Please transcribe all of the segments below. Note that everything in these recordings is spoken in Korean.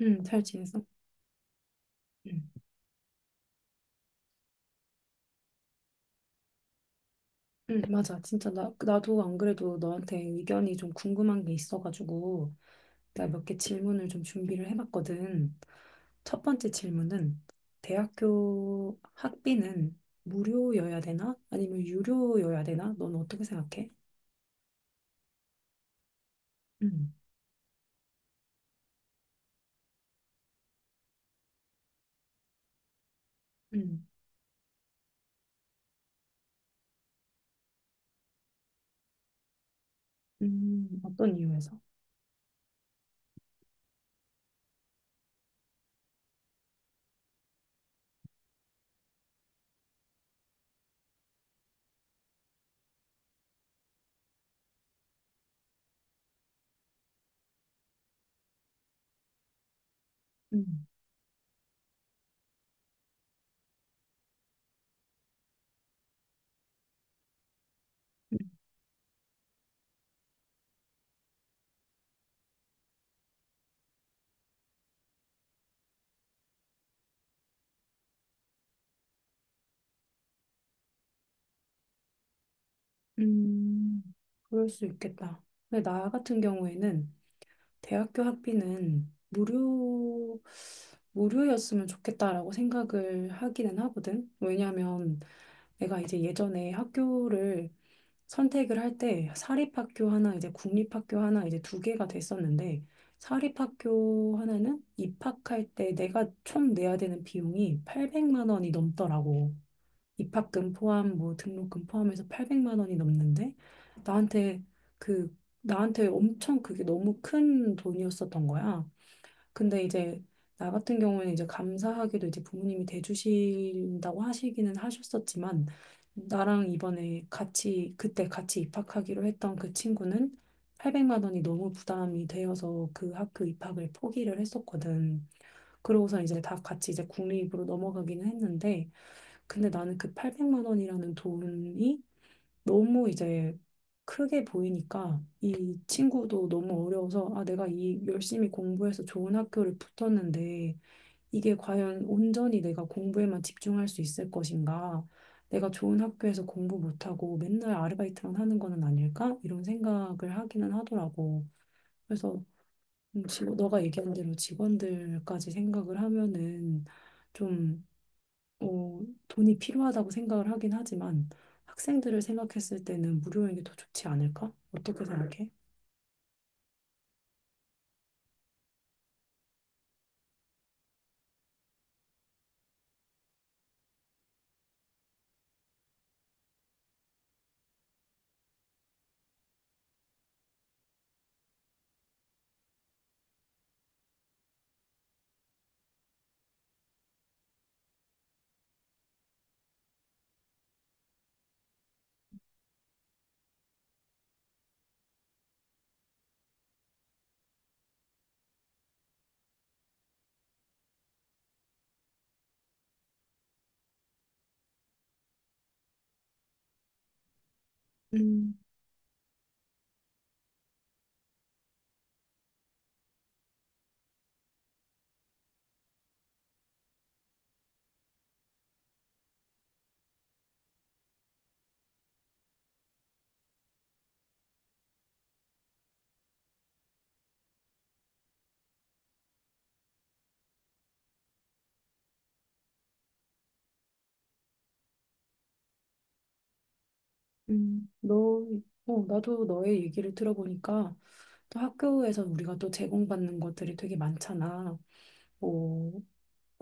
응, 잘 지냈어? 응, 응, 맞아. 진짜 나도 안 그래도 너한테 의견이 좀 궁금한 게 있어가지고 내가 몇 개 질문을 좀 준비를 해봤거든. 첫 번째 질문은 대학교 학비는 무료여야 되나? 아니면 유료여야 되나? 넌 어떻게 생각해? 응, 응, 어떤 이유에서? 응, 응, 음, 그럴 수 있겠다. 근데 나 같은 경우에는 대학교 학비는 무료였으면 좋겠다라고 생각을 하기는 하거든. 왜냐하면 내가 이제 예전에 학교를 선택을 할 때 사립학교 하나, 이제 국립학교 하나, 이제 두 개가 됐었는데 사립학교 하나는 입학할 때 내가 총 내야 되는 비용이 800만 원이 넘더라고. 입학금 포함 뭐 등록금 포함해서 800만 원이 넘는데 나한테 그 나한테 엄청 그게 너무 큰 돈이었었던 거야. 근데 이제 나 같은 경우에는 이제 감사하게도 이제 부모님이 대주신다고 하시기는 하셨었지만 나랑 이번에 같이 그때 같이 입학하기로 했던 그 친구는 800만 원이 너무 부담이 되어서 그 학교 입학을 포기를 했었거든. 그러고서 이제 다 같이 이제 국립으로 넘어가기는 했는데 근데 나는 그 800만 원이라는 돈이 너무 이제 크게 보이니까 이 친구도 너무 어려워서 아, 내가 이 열심히 공부해서 좋은 학교를 붙었는데 이게 과연 온전히 내가 공부에만 집중할 수 있을 것인가? 내가 좋은 학교에서 공부 못하고 맨날 아르바이트만 하는 거는 아닐까? 이런 생각을 하기는 하더라고. 그래서 너가 얘기한 대로 직원들까지 생각을 하면은 좀 어, 돈이 필요하다고 생각을 하긴 하지만 학생들을 생각했을 때는 무료인 게 더 좋지 않을까? 어떻게 생각해? 음, 음, 너, 어, 나도 너의 얘기를 들어보니까 또 학교에서 우리가 또 제공받는 것들이 되게 많잖아. 뭐,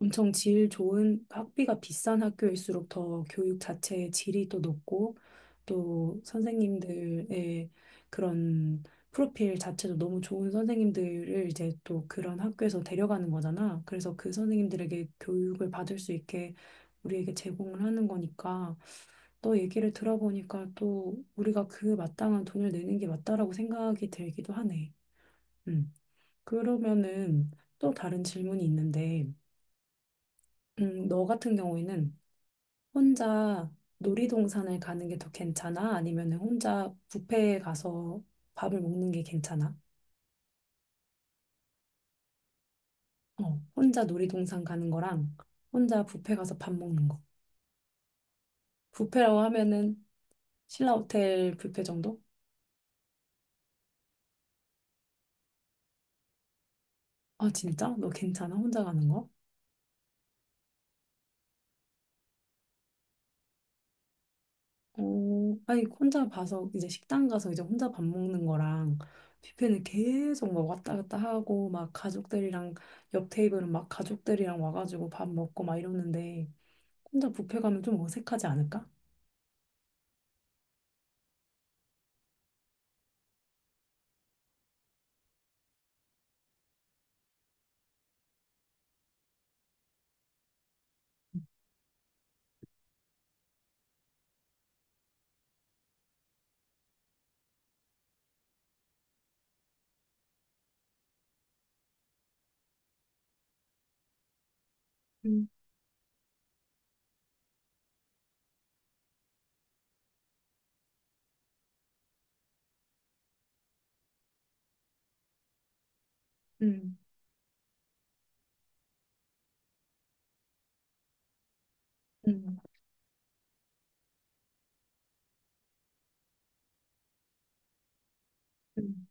엄청 질 좋은 학비가 비싼 학교일수록 더 교육 자체의 질이 또 높고 또 선생님들의 그런 프로필 자체도 너무 좋은 선생님들을 이제 또 그런 학교에서 데려가는 거잖아. 그래서 그 선생님들에게 교육을 받을 수 있게 우리에게 제공을 하는 거니까 또 얘기를 들어보니까 또 우리가 그 마땅한 돈을 내는 게 맞다라고 생각이 들기도 하네. 음. 그러면은 또 다른 질문이 있는데 너 같은 경우에는 혼자 놀이동산을 가는 게 더 괜찮아? 아니면 혼자 뷔페에 가서 밥을 먹는 게 괜찮아? 어, 혼자 놀이동산 가는 거랑 혼자 뷔페 가서 밥 먹는 거. 뷔페라고 하면은 신라호텔 뷔페 정도? 아, 진짜? 너 괜찮아? 혼자 가는 거? 어, 아니, 혼자 봐서 이제 식당 가서 이제 혼자 밥 먹는 거랑 뷔페는 계속 막 왔다 갔다 하고 막 가족들이랑 옆 테이블은 막 가족들이랑 와가지고 밥 먹고 막 이러는데 혼자 뷔페 가면 좀 어색하지 않을까? 음, 음, 음, 음,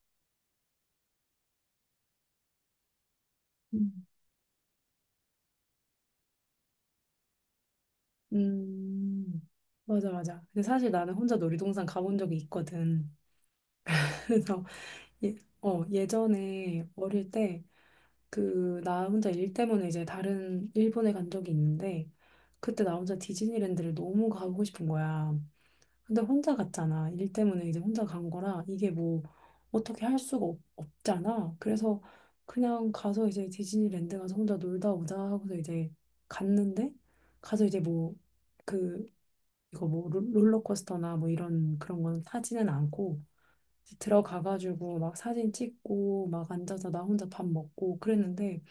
음. 음, 맞아, 맞아. 근데 사실 나는 혼자 놀이동산 가본 적이 있거든. 그래서 예, 어, 예전에 어릴 때 그 나 혼자 일 때문에 이제 다른 일본에 간 적이 있는데 그때 나 혼자 디즈니랜드를 너무 가고 싶은 거야. 근데 혼자 갔잖아. 일 때문에 이제 혼자 간 거라 이게 뭐 어떻게 할 수가 없잖아. 그래서 그냥 가서 이제 디즈니랜드 가서 혼자 놀다 오자 하고서 이제 갔는데 가서 이제 뭐 그 이거 뭐 롤러코스터나 뭐 이런 그런 건 타지는 않고 이제 들어가가지고 막 사진 찍고 막 앉아서 나 혼자 밥 먹고 그랬는데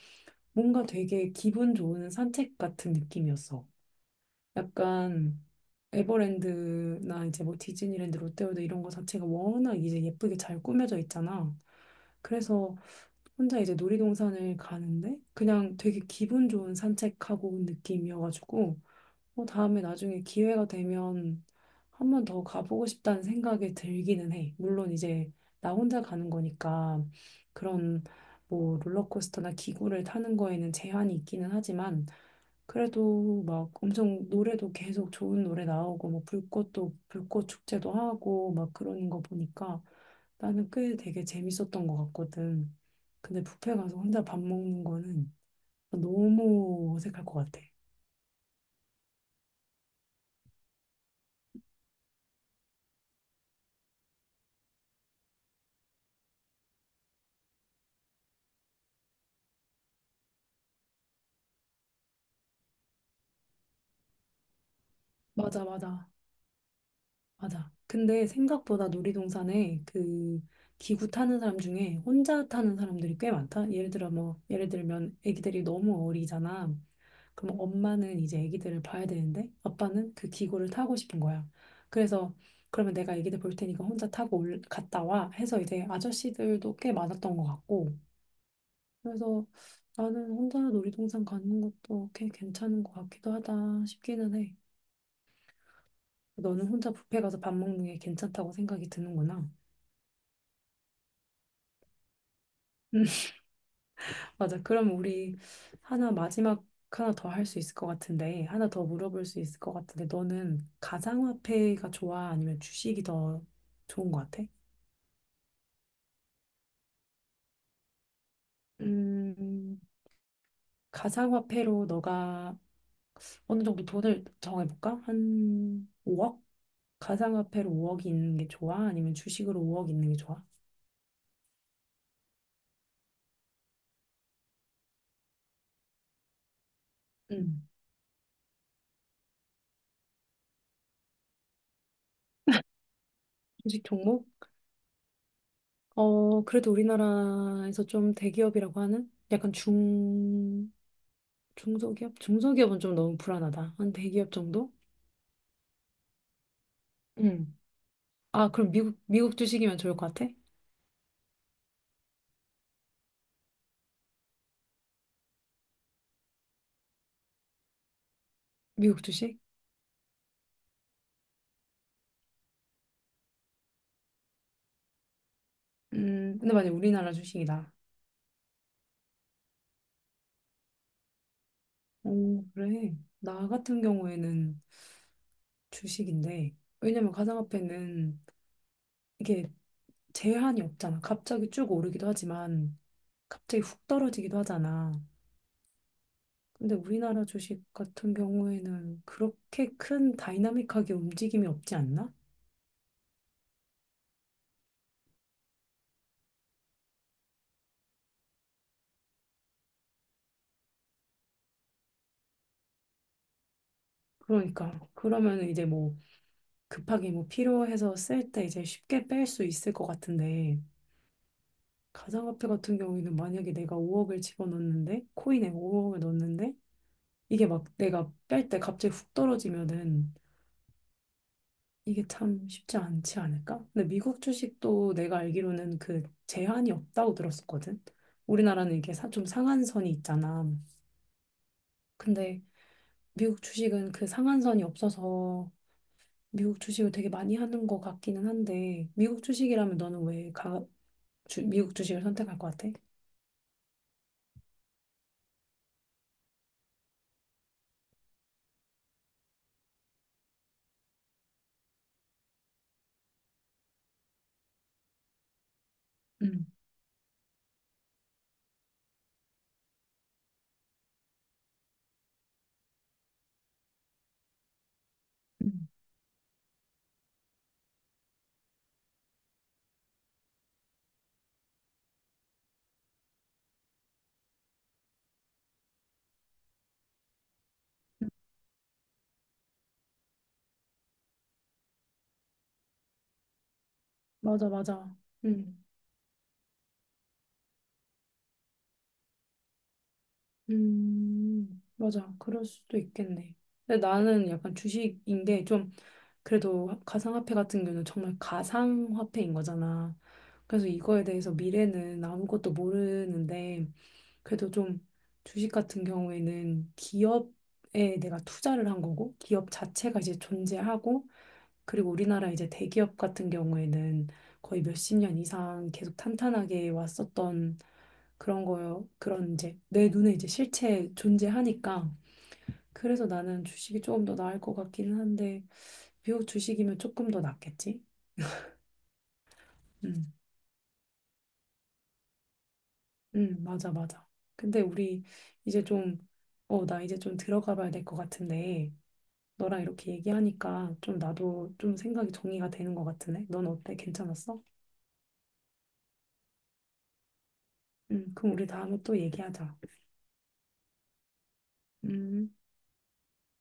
뭔가 되게 기분 좋은 산책 같은 느낌이었어. 약간 에버랜드나 이제 뭐 디즈니랜드, 롯데월드 이런 거 자체가 워낙 이제 예쁘게 잘 꾸며져 있잖아. 그래서 혼자 이제 놀이동산을 가는데 그냥 되게 기분 좋은 산책하고 온 느낌이어가지고 뭐 다음에 나중에 기회가 되면 한번 더 가보고 싶다는 생각이 들기는 해. 물론 이제 나 혼자 가는 거니까 그런 뭐 롤러코스터나 기구를 타는 거에는 제한이 있기는 하지만 그래도 막 엄청 노래도 계속 좋은 노래 나오고 뭐 불꽃도 불꽃 축제도 하고 막 그러는 거 보니까 나는 꽤 되게 재밌었던 것 같거든. 근데 뷔페 가서 혼자 밥 먹는 거는 너무 어색할 것 같아. 맞아, 맞아. 맞아. 근데 생각보다 놀이동산에 그 기구 타는 사람 중에 혼자 타는 사람들이 꽤 많다. 예를 들어 뭐 예를 들면 아기들이 너무 어리잖아. 그럼 엄마는 이제 아기들을 봐야 되는데 아빠는 그 기구를 타고 싶은 거야. 그래서 그러면 내가 아기들 볼 테니까 혼자 타고 갔다 와 해서 이제 아저씨들도 꽤 많았던 것 같고. 그래서 나는 혼자 놀이동산 가는 것도 꽤 괜찮은 것 같기도 하다 싶기는 해. 너는 혼자 뷔페 가서 밥 먹는 게 괜찮다고 생각이 드는구나. 맞아. 그럼 우리 하나 마지막 하나 더 할 수 있을 것 같은데, 하나 더 물어볼 수 있을 것 같은데, 너는 가상화폐가 좋아? 아니면 주식이 더 좋은 것 같아? 음, 가상화폐로 너가 어느 정도 돈을 정해볼까? 한 5억? 가상화폐로 5억이 있는 게 좋아? 아니면 주식으로 5억 있는 게 좋아? 음. 주식 종목? 어, 그래도 우리나라에서 좀 대기업이라고 하는 약간 중... 중소기업? 중소기업은 좀 너무 불안하다. 한 대기업 정도? 응. 아, 그럼 미국 주식이면 좋을 것 같아? 미국 주식? 근데 만약 우리나라 주식이다. 오, 그래. 나 같은 경우에는 주식인데, 왜냐면 가상화폐는 이게 제한이 없잖아. 갑자기 쭉 오르기도 하지만, 갑자기 훅 떨어지기도 하잖아. 근데 우리나라 주식 같은 경우에는 그렇게 큰 다이나믹하게 움직임이 없지 않나? 그러니까. 그러면 이제 뭐, 급하게 뭐 필요해서 쓸 때 이제 쉽게 뺄 수 있을 것 같은데 가상화폐 같은 경우에는 만약에 내가 5억을 집어넣는데 코인에 5억을 넣는데 이게 막 내가 뺄 때 갑자기 훅 떨어지면은 이게 참 쉽지 않지 않을까? 근데 미국 주식도 내가 알기로는 그 제한이 없다고 들었었거든. 우리나라는 이게 좀 상한선이 있잖아. 근데 미국 주식은 그 상한선이 없어서 미국 주식을 되게 많이 하는 것 같기는 한데 미국 주식이라면 너는 왜 미국 주식을 선택할 것 같아. 음, 음. 맞아, 맞아. 음. 맞아. 그럴 수도 있겠네. 근데 나는 약간 주식인 게 좀, 그래도 가상화폐 같은 경우는 정말 가상화폐인 거잖아. 그래서 이거에 대해서 미래는 아무것도 모르는데, 그래도 좀 주식 같은 경우에는 기업에 내가 투자를 한 거고, 기업 자체가 이제 존재하고, 그리고 우리나라 이제 대기업 같은 경우에는 거의 몇십 년 이상 계속 탄탄하게 왔었던 그런 거요. 그런 이제 내 눈에 이제 실체 존재하니까. 그래서 나는 주식이 조금 더 나을 것 같기는 한데, 미국 주식이면 조금 더 낫겠지? 응, 응, 맞아, 맞아. 근데 우리 이제 좀, 어, 나 이제 좀 들어가 봐야 될 것 같은데, 너랑 이렇게 얘기하니까 좀 나도 좀 생각이 정리가 되는 것 같으네. 넌 어때? 괜찮았어? 응, 그럼 우리 다음에 또 얘기하자. 음.